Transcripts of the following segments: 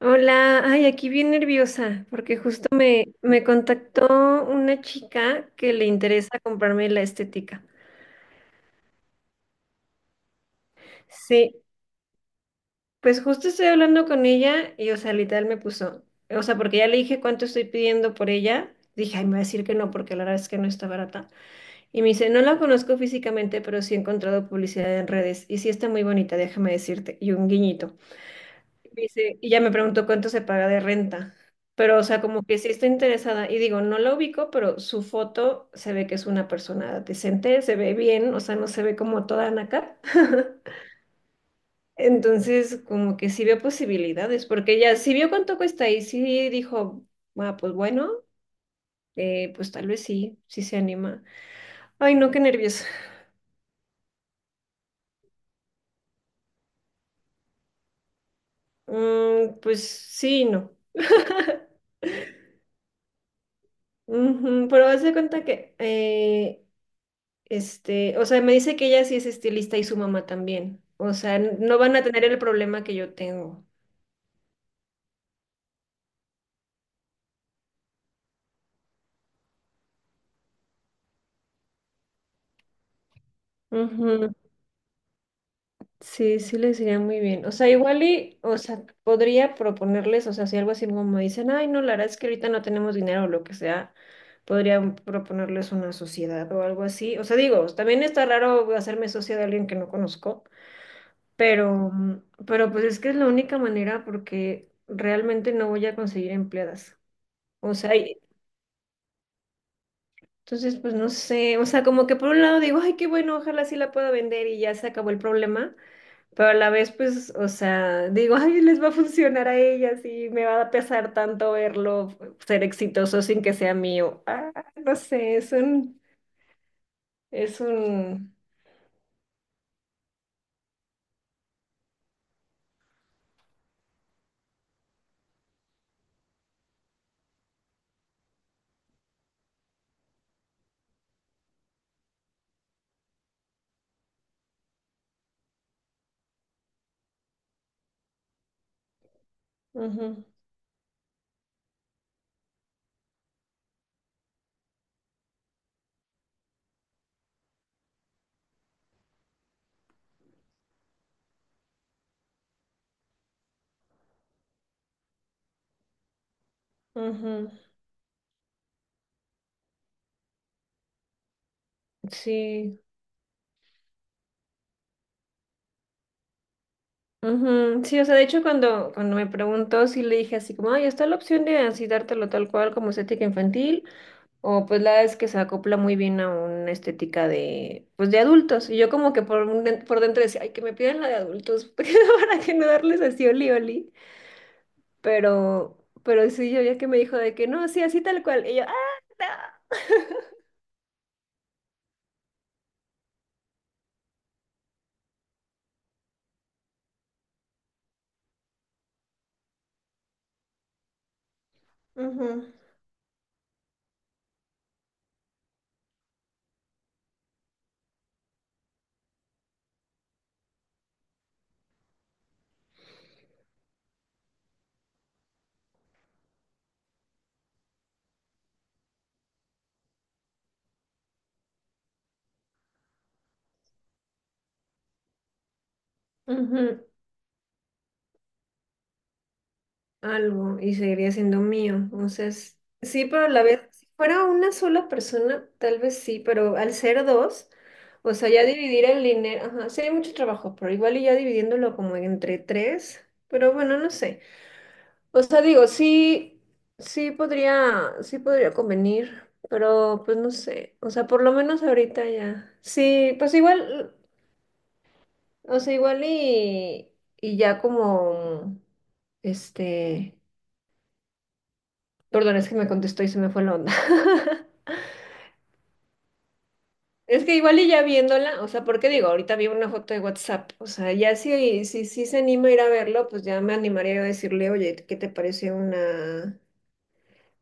Hola, ay, aquí bien nerviosa, porque justo me contactó una chica que le interesa comprarme la estética. Sí, pues justo estoy hablando con ella y, o sea, literal me puso, o sea, porque ya le dije cuánto estoy pidiendo por ella, dije, ay, me va a decir que no, porque la verdad es que no está barata. Y me dice, no la conozco físicamente, pero sí he encontrado publicidad en redes y sí está muy bonita, déjame decirte, y un guiñito. Dice, y ya me preguntó cuánto se paga de renta. Pero, o sea, como que sí estoy interesada. Y digo, no la ubico, pero su foto se ve que es una persona decente, se ve bien, o sea, no se ve como toda naca. Entonces, como que sí veo posibilidades, porque ella sí vio cuánto cuesta y sí dijo, ah, pues bueno, pues tal vez sí, sí se anima. Ay, no, qué nervios. Mm, pues sí, y no. Ujú, pero haz de cuenta que o sea, me dice que ella sí es estilista y su mamá también. O sea, no van a tener el problema que yo tengo. Ujú, sí, sí les iría muy bien. O sea, igual y, o sea, podría proponerles, o sea, si algo así como me dicen, ay, no, la verdad es que ahorita no tenemos dinero o lo que sea, podría proponerles una sociedad o algo así. O sea, digo, también está raro hacerme socia de alguien que no conozco, pero, pero pues es que es la única manera porque realmente no voy a conseguir empleadas. O sea, entonces, pues no sé, o sea, como que por un lado digo, ay, qué bueno, ojalá sí la pueda vender y ya se acabó el problema, pero a la vez, pues, o sea, digo, ay, les va a funcionar a ellas y me va a pesar tanto verlo ser exitoso sin que sea mío. Ah, no sé, es un, ujú, ujú, sí. Ujú, sí, o sea, de hecho cuando me preguntó, sí le dije así como, ay, está la opción de así dártelo tal cual como estética infantil. O pues la verdad es que se acopla muy bien a una estética de, pues de adultos. Y yo como que por, por dentro decía, ay, que me pidan la de adultos, porque para que no darles así oli oli. Pero, pero sí, yo ya que me dijo de que no, sí, así tal cual. Y yo, ah, no. Ujú, ujú. Algo y seguiría siendo mío. Entonces, sí, pero a la vez, si fuera una sola persona, tal vez sí, pero al ser dos, o sea, ya dividir el dinero, ajá, sí hay mucho trabajo, pero igual y ya dividiéndolo como entre tres, pero bueno, no sé. O sea, digo, sí, sí podría convenir, pero pues no sé, o sea, por lo menos ahorita ya. Sí, pues igual, o sea, igual y ya como, este... perdón, es que me contestó y se me fue la onda. Es que igual y ya viéndola, o sea, porque digo, ahorita vi una foto de WhatsApp, o sea, ya si se anima a ir a verlo, pues ya me animaría yo a decirle, oye, ¿qué te parece una,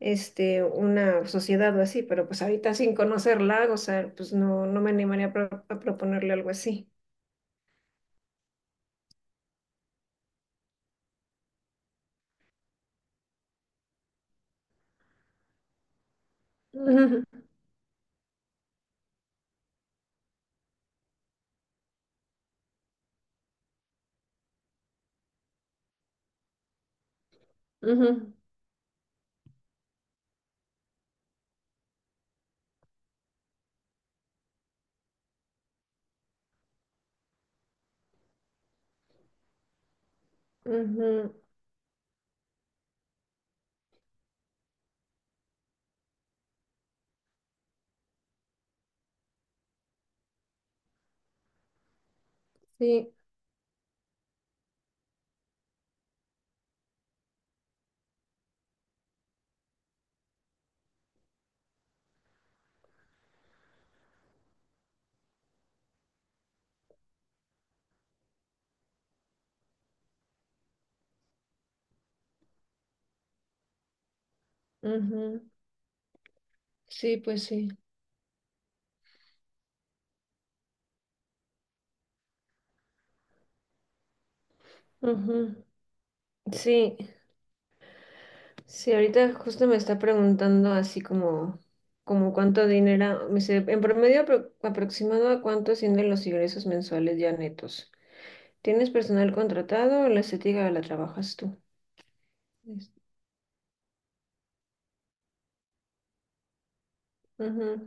una sociedad o así? Pero pues ahorita sin conocerla, o sea, pues no, no me animaría a, a proponerle algo así. Ujú, ujú, ujú, sí, ujú, sí, pues sí. Ujú, sí. Sí, ahorita justo me está preguntando así como, como cuánto dinero, me dice, en promedio aproximado a cuánto ascienden los ingresos mensuales ya netos. ¿Tienes personal contratado o la estética la trabajas tú? Es- Ujú,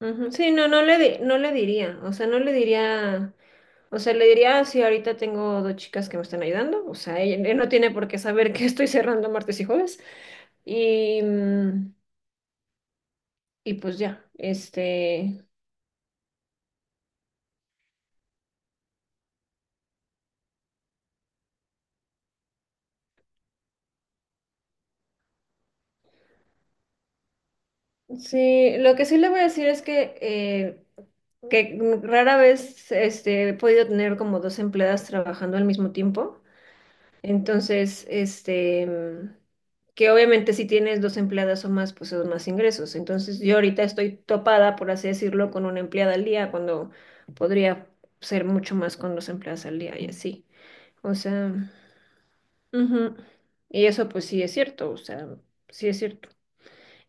ujú. Sí, no, no le diría, o sea, no le diría, o sea, le diría, "Ah, sí, ahorita tengo dos chicas que me están ayudando, o sea, ella, él no tiene por qué saber que estoy cerrando martes y jueves, y, y pues ya, sí, lo que sí le voy a decir es que rara vez he podido tener como dos empleadas trabajando al mismo tiempo. Entonces, que obviamente si tienes dos empleadas o más, pues son más ingresos. Entonces, yo ahorita estoy topada, por así decirlo, con una empleada al día, cuando podría ser mucho más con dos empleadas al día y así. O sea, ujú. Y eso pues sí es cierto, o sea, sí es cierto.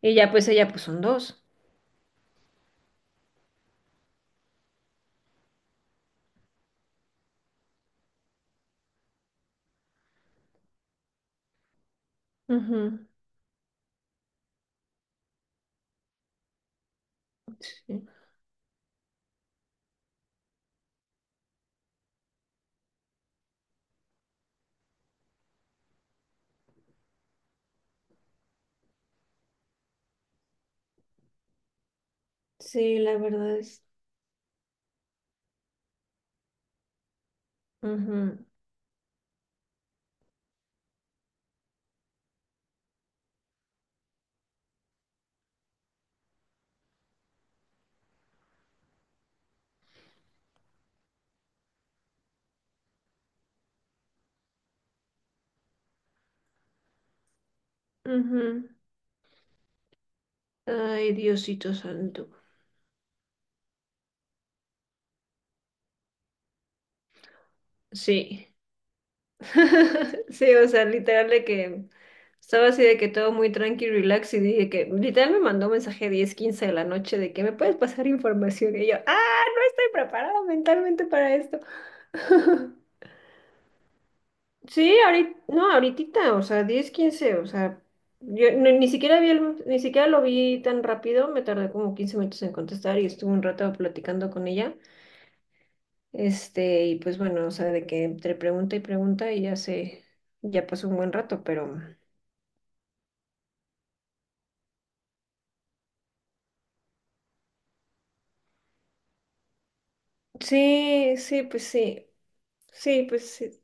Y ya pues ella pues son dos. Ujú. Sí. Sí, la verdad es. Ujú, ujú. Ay, Diosito santo. Sí. Sí, o sea, literal de que estaba así de que todo muy tranqui, relax, y dije que literal me mandó un mensaje 10:15 de la noche de que me puedes pasar información. Y yo, ah, no estoy preparada mentalmente para esto. Sí, ahorita, no, ahorita, o sea, 10:15 o sea, yo ni siquiera vi ni siquiera lo vi tan rápido, me tardé como 15 minutos en contestar y estuve un rato platicando con ella. Y pues bueno, o sea, de que entre pregunta y pregunta y ya se, ya pasó un buen rato, pero sí, sí, pues sí, sí, pues sí,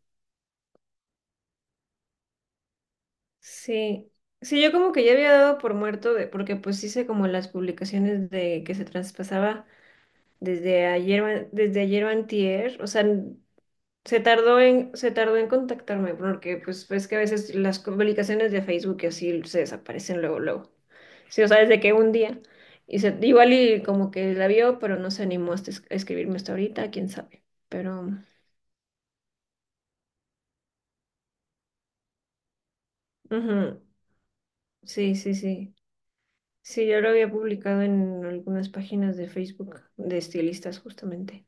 sí. Sí, yo como que ya había dado por muerto de, porque pues hice como las publicaciones de que se traspasaba desde ayer, o desde ayer o antier, o sea, se tardó en contactarme porque pues ves que a veces las publicaciones de Facebook y así se desaparecen luego, luego. Sí, o sea, desde que un día. Y se, igual y como que la vio, pero no se animó a a escribirme hasta ahorita, quién sabe. Pero, ujú, sí, sí, sí. Sí, yo lo había publicado en algunas páginas de Facebook de estilistas justamente.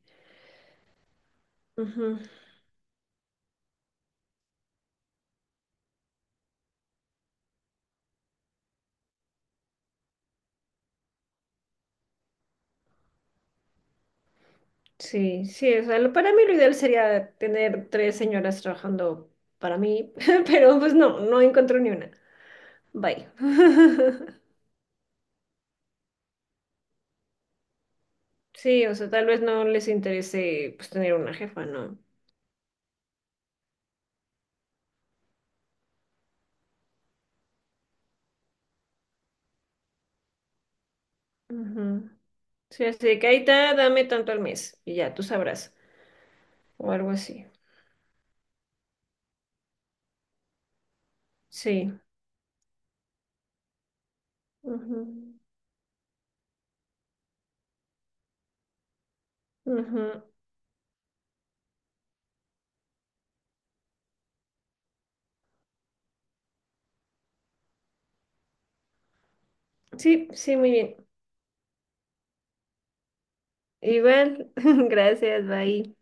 Ujú, sí, sí, o sea, para mí lo ideal sería tener tres señoras trabajando para mí, pero pues no, no encontré ni una. Bye. Sí, o sea, tal vez no les interese pues tener una jefa, ¿no? Ujú. Sí, así de que ahí está, dame tanto al mes y ya, tú sabrás. O algo así. Sí. Ujú. Ujú. Sí, sí, muy bien. Igual, gracias, bye.